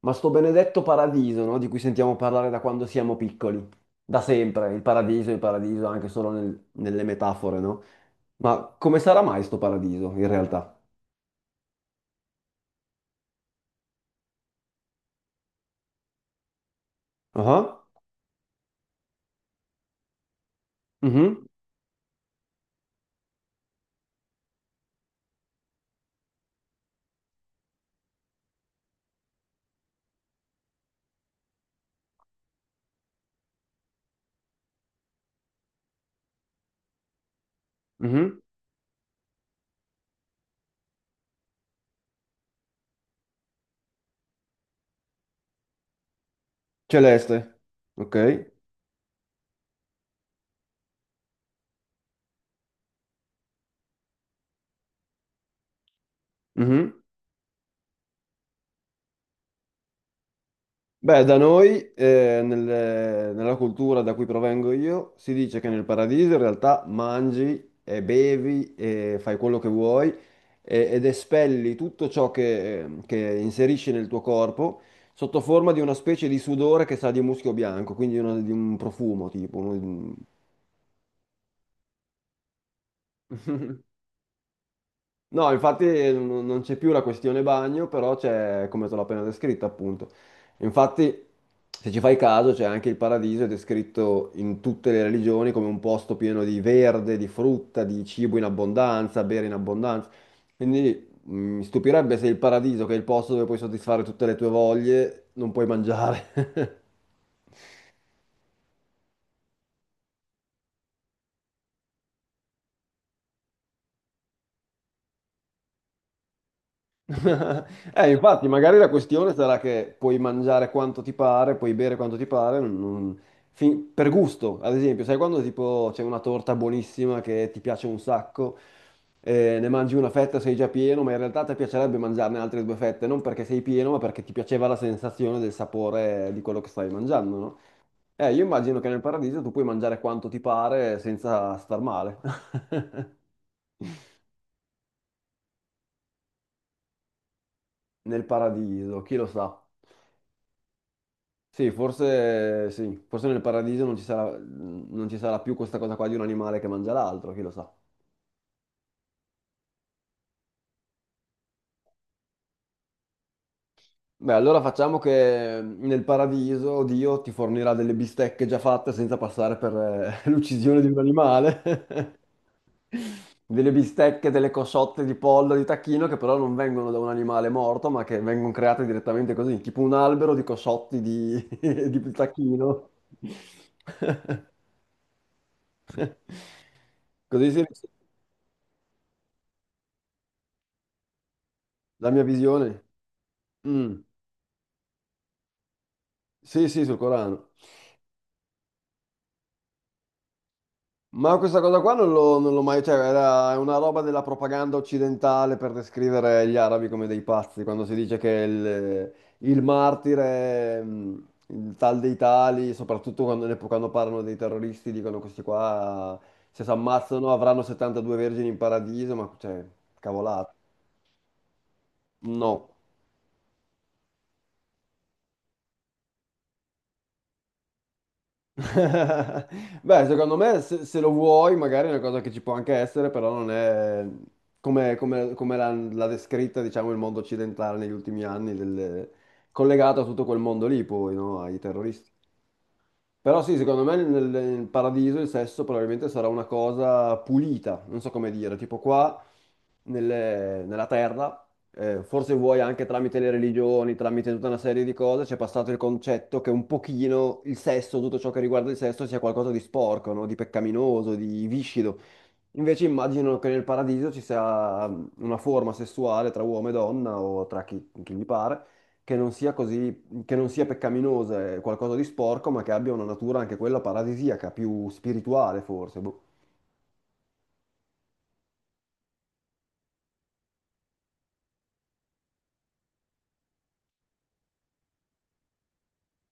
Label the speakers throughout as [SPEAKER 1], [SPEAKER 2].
[SPEAKER 1] Ma sto benedetto paradiso, no? Di cui sentiamo parlare da quando siamo piccoli, da sempre, il paradiso, anche solo nelle metafore, no? Ma come sarà mai sto paradiso in realtà? Ah, mhm, mhm. Celeste, ok? Mhm. Beh, da noi, nella cultura da cui provengo io, si dice che nel paradiso in realtà mangi e bevi e fai quello che vuoi ed espelli tutto ciò che inserisci nel tuo corpo sotto forma di una specie di sudore che sa di muschio bianco, quindi di un profumo tipo. No, infatti non c'è più la questione bagno, però c'è come te l'ho appena descritta, appunto. Infatti, se ci fai caso, c'è anche il paradiso, è descritto in tutte le religioni come un posto pieno di verde, di frutta, di cibo in abbondanza, bere in abbondanza. Quindi mi stupirebbe se il paradiso, che è il posto dove puoi soddisfare tutte le tue voglie, non puoi mangiare. Infatti, magari la questione sarà che puoi mangiare quanto ti pare, puoi bere quanto ti pare, per gusto, ad esempio, sai quando tipo c'è una torta buonissima che ti piace un sacco, ne mangi una fetta, sei già pieno, ma in realtà ti piacerebbe mangiarne altre due fette, non perché sei pieno, ma perché ti piaceva la sensazione del sapore di quello che stavi mangiando, no? Io immagino che nel paradiso tu puoi mangiare quanto ti pare senza star male. Nel paradiso, chi lo sa? Sì, forse nel paradiso non ci sarà, non ci sarà più questa cosa qua di un animale che mangia l'altro, chi lo sa. Beh, allora facciamo che nel paradiso Dio ti fornirà delle bistecche già fatte senza passare per l'uccisione di un animale. Delle bistecche, delle cosciotte di pollo, di tacchino che però non vengono da un animale morto, ma che vengono create direttamente così, tipo un albero di cosciotti di, di tacchino. Così si La mia visione? Mm. Sì, sì, sul Corano. Ma questa cosa qua non l'ho mai... Cioè, era è una roba della propaganda occidentale per descrivere gli arabi come dei pazzi, quando si dice che il martire, il tal dei tali, soprattutto quando parlano dei terroristi, dicono questi qua, se si ammazzano avranno 72 vergini in paradiso, ma cioè, cavolate. No. Beh, secondo me se, se lo vuoi, magari è una cosa che ci può anche essere, però non è come l'ha descritta, diciamo, il mondo occidentale negli ultimi anni, collegato a tutto quel mondo lì, poi, no? Ai terroristi. Però sì, secondo me nel, nel paradiso il sesso probabilmente sarà una cosa pulita, non so come dire, tipo qua nella terra, forse vuoi anche tramite le religioni, tramite tutta una serie di cose, c'è passato il concetto che un pochino il sesso, tutto ciò che riguarda il sesso, sia qualcosa di sporco, no? Di peccaminoso, di viscido. Invece immagino che nel paradiso ci sia una forma sessuale tra uomo e donna o tra chi, chi gli pare, che non sia così, che non sia peccaminosa, è qualcosa di sporco, ma che abbia una natura anche quella paradisiaca, più spirituale forse. Boh.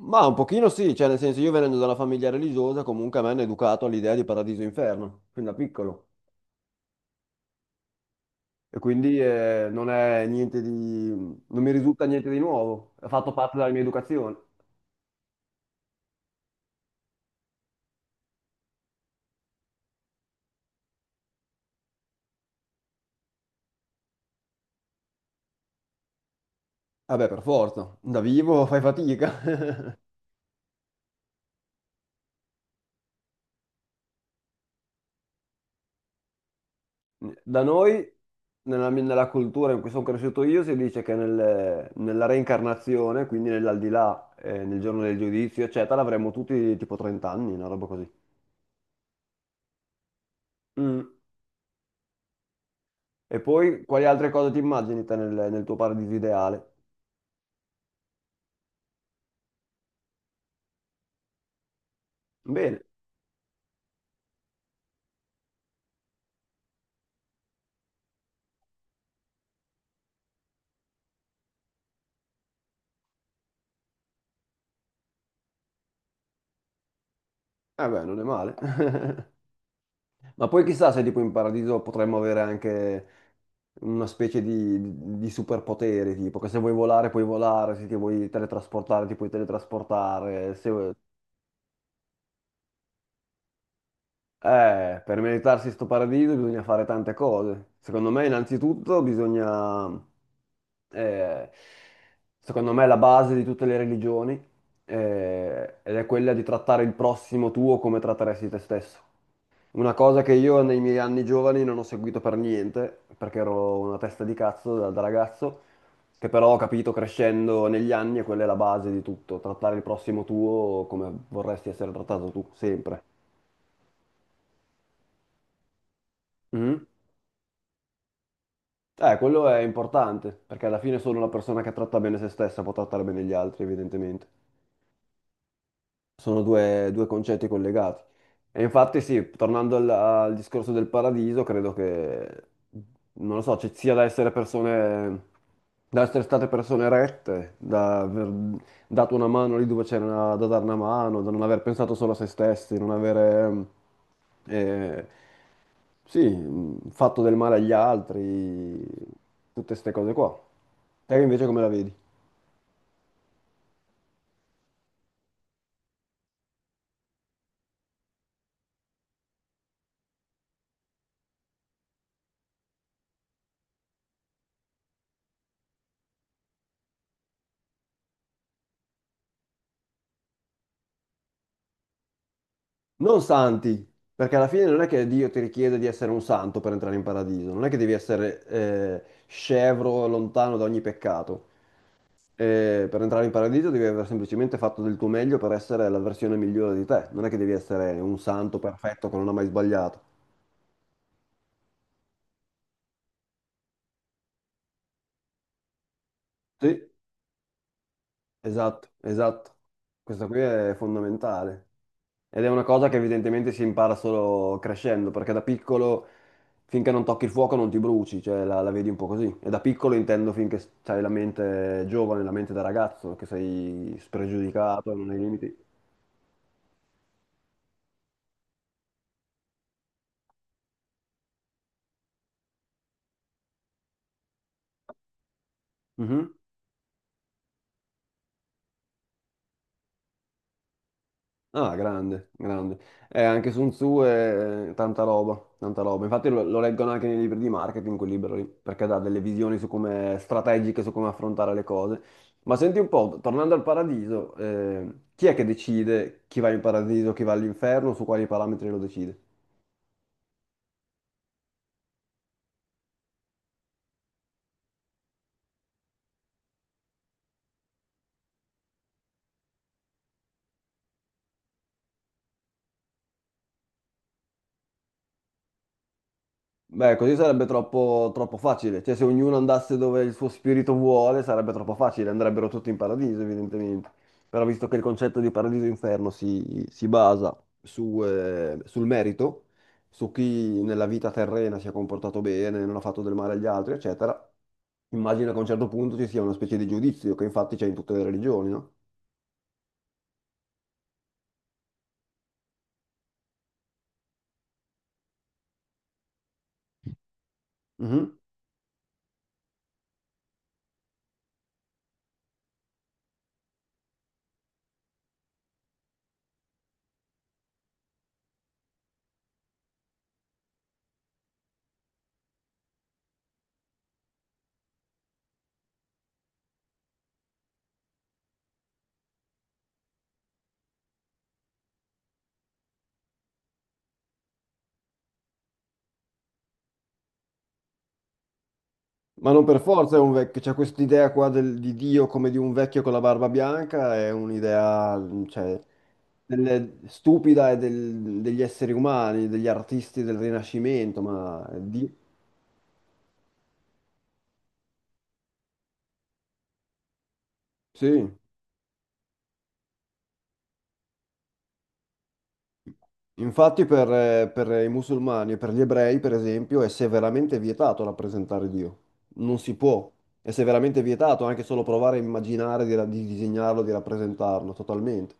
[SPEAKER 1] Ma un pochino sì, cioè nel senso io venendo da una famiglia religiosa comunque mi hanno educato all'idea di paradiso e inferno, fin da piccolo. E quindi non è niente di... non mi risulta niente di nuovo, ha fatto parte della mia educazione. Vabbè, per forza, da vivo fai fatica. Da noi, nella, nella cultura in cui sono cresciuto io, si dice che nella reincarnazione, quindi nell'aldilà, nel giorno del giudizio, eccetera, avremo tutti tipo 30 anni, una roba così. Mm. E poi quali altre cose ti immagini te nel, nel tuo paradiso ideale? Bene, eh beh, non è male. Ma poi chissà se tipo in paradiso potremmo avere anche una specie di, di superpoteri, tipo che se vuoi volare puoi volare, se ti vuoi teletrasportare ti puoi teletrasportare. Se vuoi- per meritarsi sto paradiso bisogna fare tante cose. Secondo me innanzitutto bisogna eh, secondo me è la base di tutte le religioni, ed è quella di trattare il prossimo tuo come tratteresti te stesso. Una cosa che io nei miei anni giovani non ho seguito per niente, perché ero una testa di cazzo da, da ragazzo, che però ho capito crescendo negli anni e quella è la base di tutto, trattare il prossimo tuo come vorresti essere trattato tu, sempre. Mhm. Quello è importante, perché alla fine solo una persona che tratta bene se stessa può trattare bene gli altri, evidentemente. Sono due, due concetti collegati. E infatti sì, tornando al, al discorso del paradiso, credo che, non lo so, ci sia da essere persone, da essere state persone rette, da aver dato una mano lì dove c'era da dare una mano, da non aver pensato solo a se stessi, non avere, eh, sì, fatto del male agli altri, tutte queste cose qua. Te invece come la vedi? Non santi, perché alla fine non è che Dio ti richiede di essere un santo per entrare in paradiso, non è che devi essere scevro, lontano da ogni peccato. Per entrare in paradiso devi aver semplicemente fatto del tuo meglio per essere la versione migliore di te, non è che devi essere un santo perfetto che non ha mai sbagliato. Sì. Esatto, esatto. Questa qui è fondamentale. Ed è una cosa che evidentemente si impara solo crescendo, perché da piccolo, finché non tocchi il fuoco, non ti bruci, cioè la, la vedi un po' così. E da piccolo intendo finché hai la mente giovane, la mente da ragazzo, che sei spregiudicato, non hai limiti. Mhm. Ah, grande, grande. Anche Sun Tzu è tanta roba, tanta roba. Infatti lo, lo leggono anche nei libri di marketing, quel libro lì, perché dà delle visioni su come strategiche, su come affrontare le cose. Ma senti un po', tornando al paradiso, chi è che decide chi va in paradiso, chi va all'inferno, su quali parametri lo decide? Beh, così sarebbe troppo, troppo facile. Cioè, se ognuno andasse dove il suo spirito vuole, sarebbe troppo facile. Andrebbero tutti in paradiso, evidentemente. Però visto che il concetto di paradiso e inferno si, si basa su, sul merito, su chi nella vita terrena si è comportato bene, non ha fatto del male agli altri, eccetera, immagino che a un certo punto ci sia una specie di giudizio, che infatti c'è in tutte le religioni, no? Mhm. Ma non per forza è un vecchio, c'è quest'idea qua di Dio come di un vecchio con la barba bianca, è un'idea, cioè, stupida e degli esseri umani, degli artisti del Rinascimento, ma di- sì. Infatti per i musulmani e per gli ebrei, per esempio, è severamente vietato rappresentare Dio. Non si può. È severamente vietato anche solo provare a immaginare di, di disegnarlo, di rappresentarlo, totalmente.